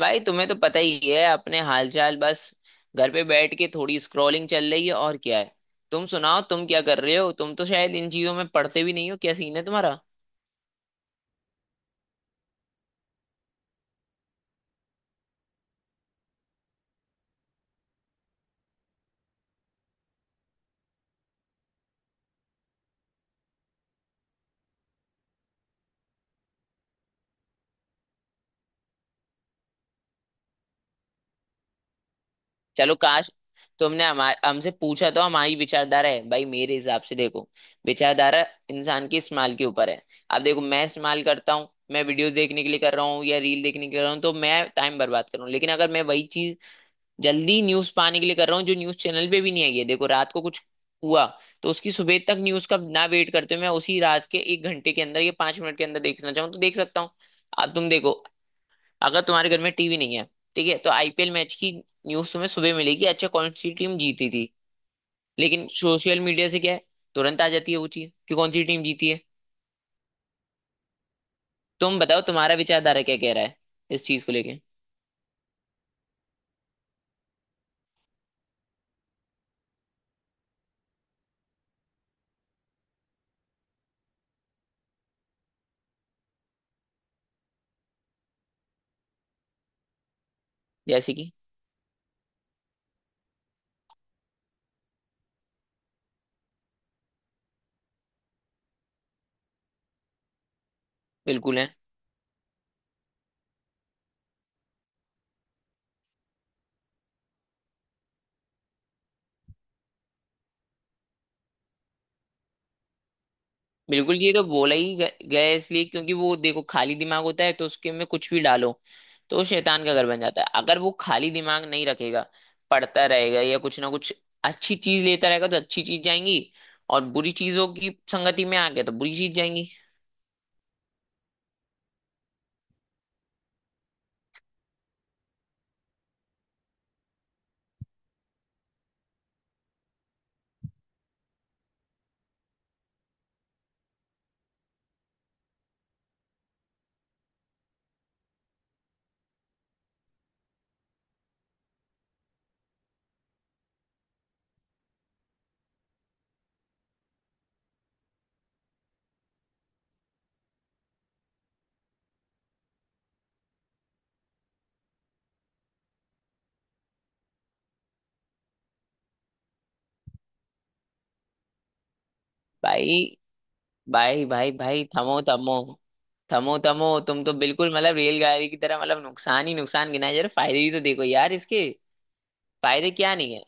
भाई तुम्हें तो पता ही है, अपने हालचाल बस। घर पे बैठ के थोड़ी स्क्रॉलिंग चल रही है, और क्या है। तुम सुनाओ, तुम क्या कर रहे हो? तुम तो शायद इन चीजों में पढ़ते भी नहीं हो, क्या सीन है तुम्हारा? चलो काश तुमने हमारे हमसे पूछा, तो हमारी विचारधारा है भाई। मेरे हिसाब से देखो, विचारधारा इंसान के इस्तेमाल के ऊपर है। अब देखो, मैं इस्तेमाल करता हूँ, मैं वीडियो देखने के लिए कर रहा हूँ या रील देखने के लिए कर रहा हूँ तो मैं टाइम बर्बाद कर रहा हूँ, लेकिन अगर मैं वही चीज जल्दी न्यूज पाने के लिए कर रहा हूँ जो न्यूज चैनल पे भी नहीं आई है। देखो, रात को कुछ हुआ तो उसकी सुबह तक न्यूज का ना वेट करते हुए मैं उसी रात के एक घंटे के अंदर या 5 मिनट के अंदर देखना चाहूँ तो देख सकता हूँ। अब तुम देखो, अगर तुम्हारे घर में टीवी नहीं है ठीक है, तो आईपीएल मैच की न्यूज तुम्हें सुबह मिलेगी। अच्छा, कौन सी टीम जीती थी। लेकिन सोशल मीडिया से क्या है, तुरंत आ जाती है वो चीज कि कौन सी टीम जीती है। तुम बताओ, तुम्हारा विचारधारा क्या कह रहा है इस चीज को लेके। जैसे कि। बिल्कुल है। बिल्कुल, ये तो बोला ही गया है, इसलिए क्योंकि वो देखो खाली दिमाग होता है तो उसके में कुछ भी डालो तो वो शैतान का घर बन जाता है। अगर वो खाली दिमाग नहीं रखेगा, पढ़ता रहेगा या कुछ ना कुछ अच्छी चीज लेता रहेगा तो अच्छी चीज जाएंगी। और बुरी चीजों की संगति में आ गया तो बुरी चीज जाएंगी। भाई भाई भाई भाई, थमो थमो थमो थमो! तुम तो बिल्कुल मतलब रेलगाड़ी की तरह, मतलब नुकसान ही नुकसान गिनाए जा रहे। फायदे ही तो देखो यार इसके। फायदे क्या नहीं है।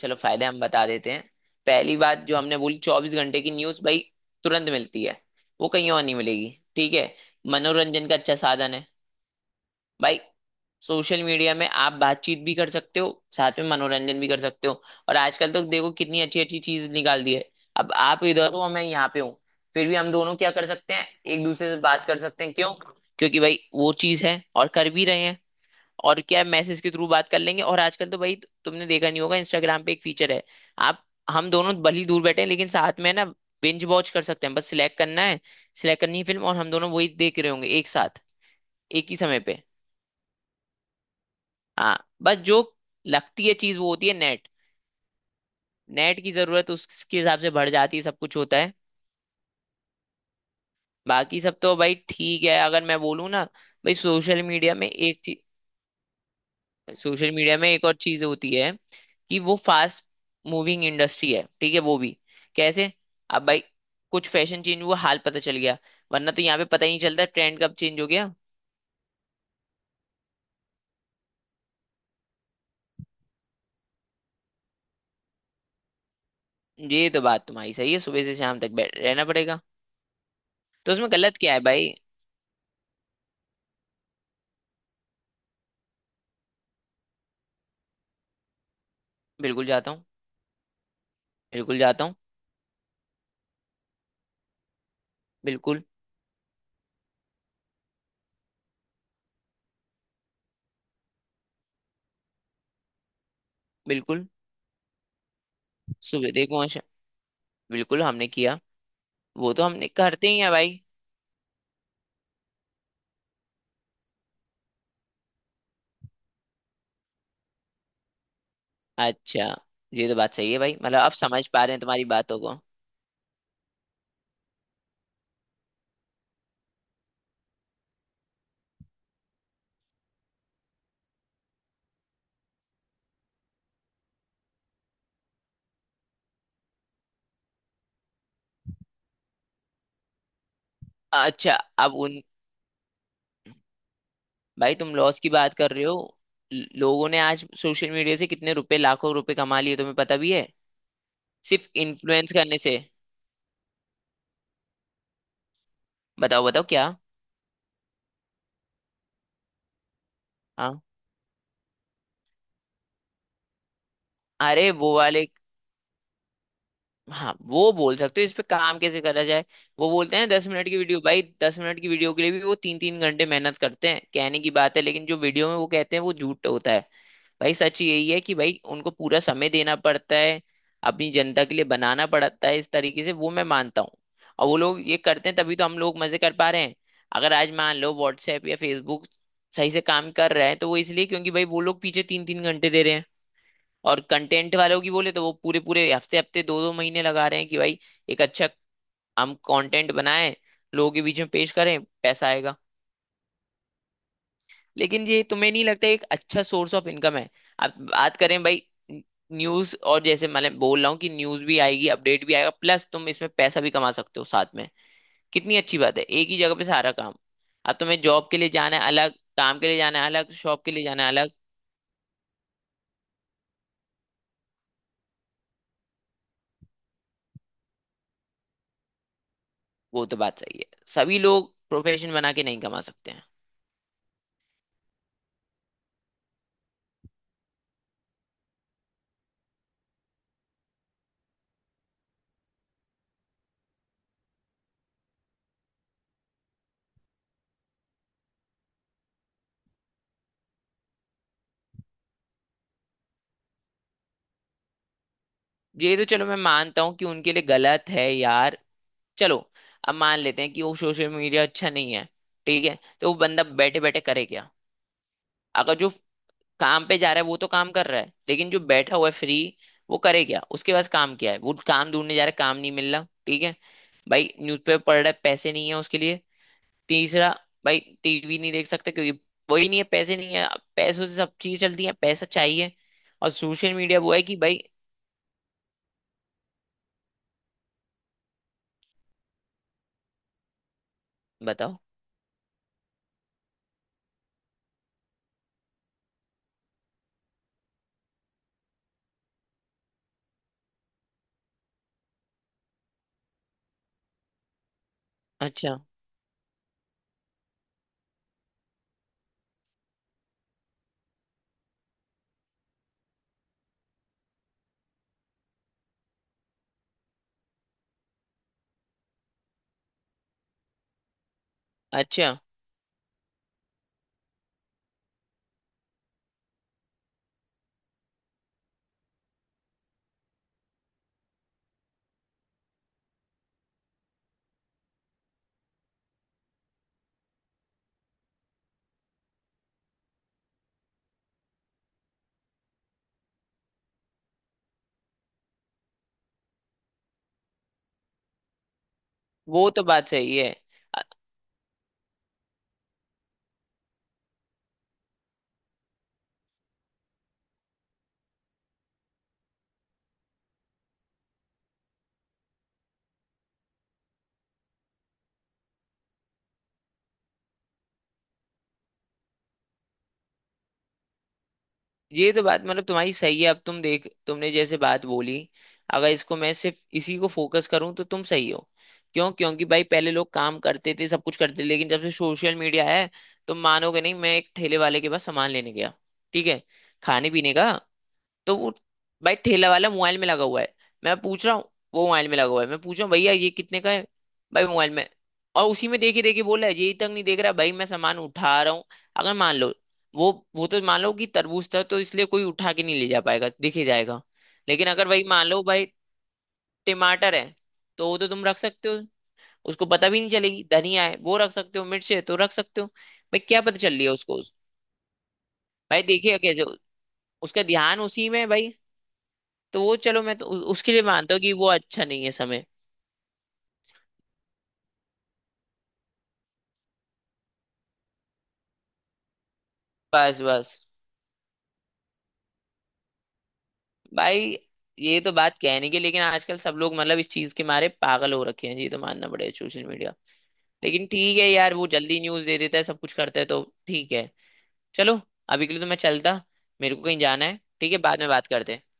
चलो, फायदे हम बता देते हैं। पहली बात जो हमने बोली, 24 घंटे की न्यूज भाई, तुरंत मिलती है, वो कहीं और नहीं मिलेगी, ठीक है। मनोरंजन का अच्छा साधन है भाई। सोशल मीडिया में आप बातचीत भी कर सकते हो, साथ में मनोरंजन भी कर सकते हो। और आजकल तो देखो कितनी अच्छी अच्छी चीज निकाल दी है। अब आप इधर हो, मैं यहाँ पे हूँ, फिर भी हम दोनों क्या कर सकते हैं? एक दूसरे से बात कर सकते हैं। क्यों? क्योंकि भाई वो चीज है, और कर भी रहे हैं। और क्या, मैसेज के थ्रू बात कर लेंगे। और आजकल तो भाई तुमने देखा नहीं होगा, इंस्टाग्राम पे एक फीचर है। आप, हम दोनों भली दूर बैठे हैं लेकिन साथ में है ना, बिंज वॉच कर सकते हैं। बस सिलेक्ट करना है, सिलेक्ट करनी है फिल्म, और हम दोनों वही देख रहे होंगे एक साथ, एक ही समय पे। हाँ, बस जो लगती है चीज वो होती है नेट। नेट की जरूरत उसके हिसाब से बढ़ जाती है, सब कुछ होता है। बाकी सब तो भाई ठीक है, अगर मैं बोलूँ ना, भाई सोशल मीडिया में एक और चीज होती है कि वो फास्ट मूविंग इंडस्ट्री है, ठीक है वो भी। कैसे? अब भाई कुछ फैशन चेंज हुआ हाल पता चल गया, वरना तो यहाँ पे पता ही नहीं चलता ट्रेंड कब चेंज हो गया। ये तो बात तुम्हारी सही है, सुबह से शाम तक बैठ रहना पड़ेगा। तो उसमें गलत क्या है भाई? बिल्कुल जाता हूँ। बिल्कुल जाता हूँ। बिल्कुल। बिल्कुल। सुबह देखो, अच्छा। बिल्कुल हमने किया। वो तो हमने करते ही है भाई। अच्छा, ये तो बात सही है भाई, मतलब अब समझ पा रहे हैं तुम्हारी बातों को। अच्छा, अब उन। भाई तुम लॉस की बात कर रहे हो, लोगों ने आज सोशल मीडिया से कितने रुपए, लाखों रुपए कमा लिए, तुम्हें पता भी है? सिर्फ इन्फ्लुएंस करने से। बताओ, बताओ क्या। हाँ। अरे, वो वाले। हाँ, वो बोल सकते हो इस पे काम कैसे करा जाए। वो बोलते हैं 10 मिनट की वीडियो, भाई 10 मिनट की वीडियो के लिए भी वो तीन तीन घंटे मेहनत करते हैं, कहने की बात है, लेकिन जो वीडियो में वो कहते हैं वो झूठ होता है। भाई सच यही है कि भाई उनको पूरा समय देना पड़ता है, अपनी जनता के लिए बनाना पड़ता है इस तरीके से, वो मैं मानता हूँ। और वो लोग ये करते हैं तभी तो हम लोग मजे कर पा रहे हैं। अगर आज मान लो व्हाट्सएप या फेसबुक सही से काम कर रहा है, तो वो इसलिए क्योंकि भाई वो लोग पीछे तीन तीन घंटे दे रहे हैं। और कंटेंट वालों की बोले तो वो पूरे पूरे हफ्ते हफ्ते दो दो महीने लगा रहे हैं कि भाई एक अच्छा हम कंटेंट बनाएं, लोगों के बीच में पेश करें, पैसा आएगा। लेकिन ये तुम्हें नहीं लगता एक अच्छा सोर्स ऑफ इनकम है? आप बात करें भाई न्यूज, और जैसे मैं बोल रहा हूँ कि न्यूज भी आएगी, अपडेट भी आएगा, प्लस तुम इसमें पैसा भी कमा सकते हो साथ में। कितनी अच्छी बात है, एक ही जगह पे सारा काम। अब तुम्हें जॉब के लिए जाना है अलग, काम के लिए जाना है अलग, शॉप के लिए जाना है अलग। वो तो बात सही है, सभी लोग प्रोफेशन बना के नहीं कमा सकते हैं। ये तो चलो मैं मानता हूँ कि उनके लिए गलत है यार। चलो। अब मान लेते हैं कि वो सोशल मीडिया अच्छा नहीं है ठीक है, तो वो बंदा बैठे बैठे करे क्या? अगर जो काम पे जा रहा है वो तो काम कर रहा है, लेकिन जो बैठा हुआ है फ्री, वो करे क्या? उसके पास काम क्या है? वो काम ढूंढने जा रहा है, काम नहीं मिल रहा, ठीक है। भाई न्यूज़पेपर पढ़ रहा है, पैसे नहीं है उसके लिए। तीसरा, भाई टीवी नहीं देख सकता क्योंकि वही नहीं है, पैसे नहीं है। पैसों से सब चीज चलती है, पैसा चाहिए। और सोशल मीडिया वो है कि भाई। बताओ। अच्छा। अच्छा। वो तो बात सही है। ये तो बात मतलब तुम्हारी सही है, अब तुम देख तुमने जैसे बात बोली, अगर इसको मैं सिर्फ इसी को फोकस करूं तो तुम सही हो। क्यों? क्योंकि भाई पहले लोग काम करते थे, सब कुछ करते थे, लेकिन जब से सोशल मीडिया है। तुम मानोगे नहीं, मैं एक ठेले वाले के पास सामान लेने गया, ठीक है, खाने पीने का। तो वो, भाई ठेला वाला मोबाइल में लगा हुआ है, मैं पूछ रहा हूँ, वो मोबाइल में लगा हुआ है, मैं पूछ रहा हूँ भैया ये कितने का है। भाई मोबाइल में, और उसी में देखे देखे बोला है, यही तक नहीं देख रहा, भाई मैं सामान उठा रहा हूँ। अगर मान लो वो तो मान लो कि तरबूज था तो इसलिए कोई उठा के नहीं ले जा पाएगा, दिखे जाएगा। लेकिन अगर वही मान लो भाई टमाटर है, तो वो तो तुम रख सकते हो, उसको पता भी नहीं चलेगी। धनिया है वो रख सकते हो, मिर्च है तो रख सकते हो, भाई क्या पता चल रही है उसको। भाई देखिए कैसे उसका ध्यान उसी में है भाई। तो वो चलो मैं तो उसके लिए मानता हूँ कि वो अच्छा नहीं है समय। बस बस भाई, ये तो बात कहने की, लेकिन आजकल सब लोग मतलब इस चीज के मारे पागल हो रखे हैं, ये तो मानना पड़ेगा, सोशल मीडिया। लेकिन ठीक है यार, वो जल्दी न्यूज दे देता है, सब कुछ करता है तो ठीक है। चलो, अभी के लिए तो मैं चलता, मेरे को कहीं जाना है, ठीक है, बाद में बात करते हैं।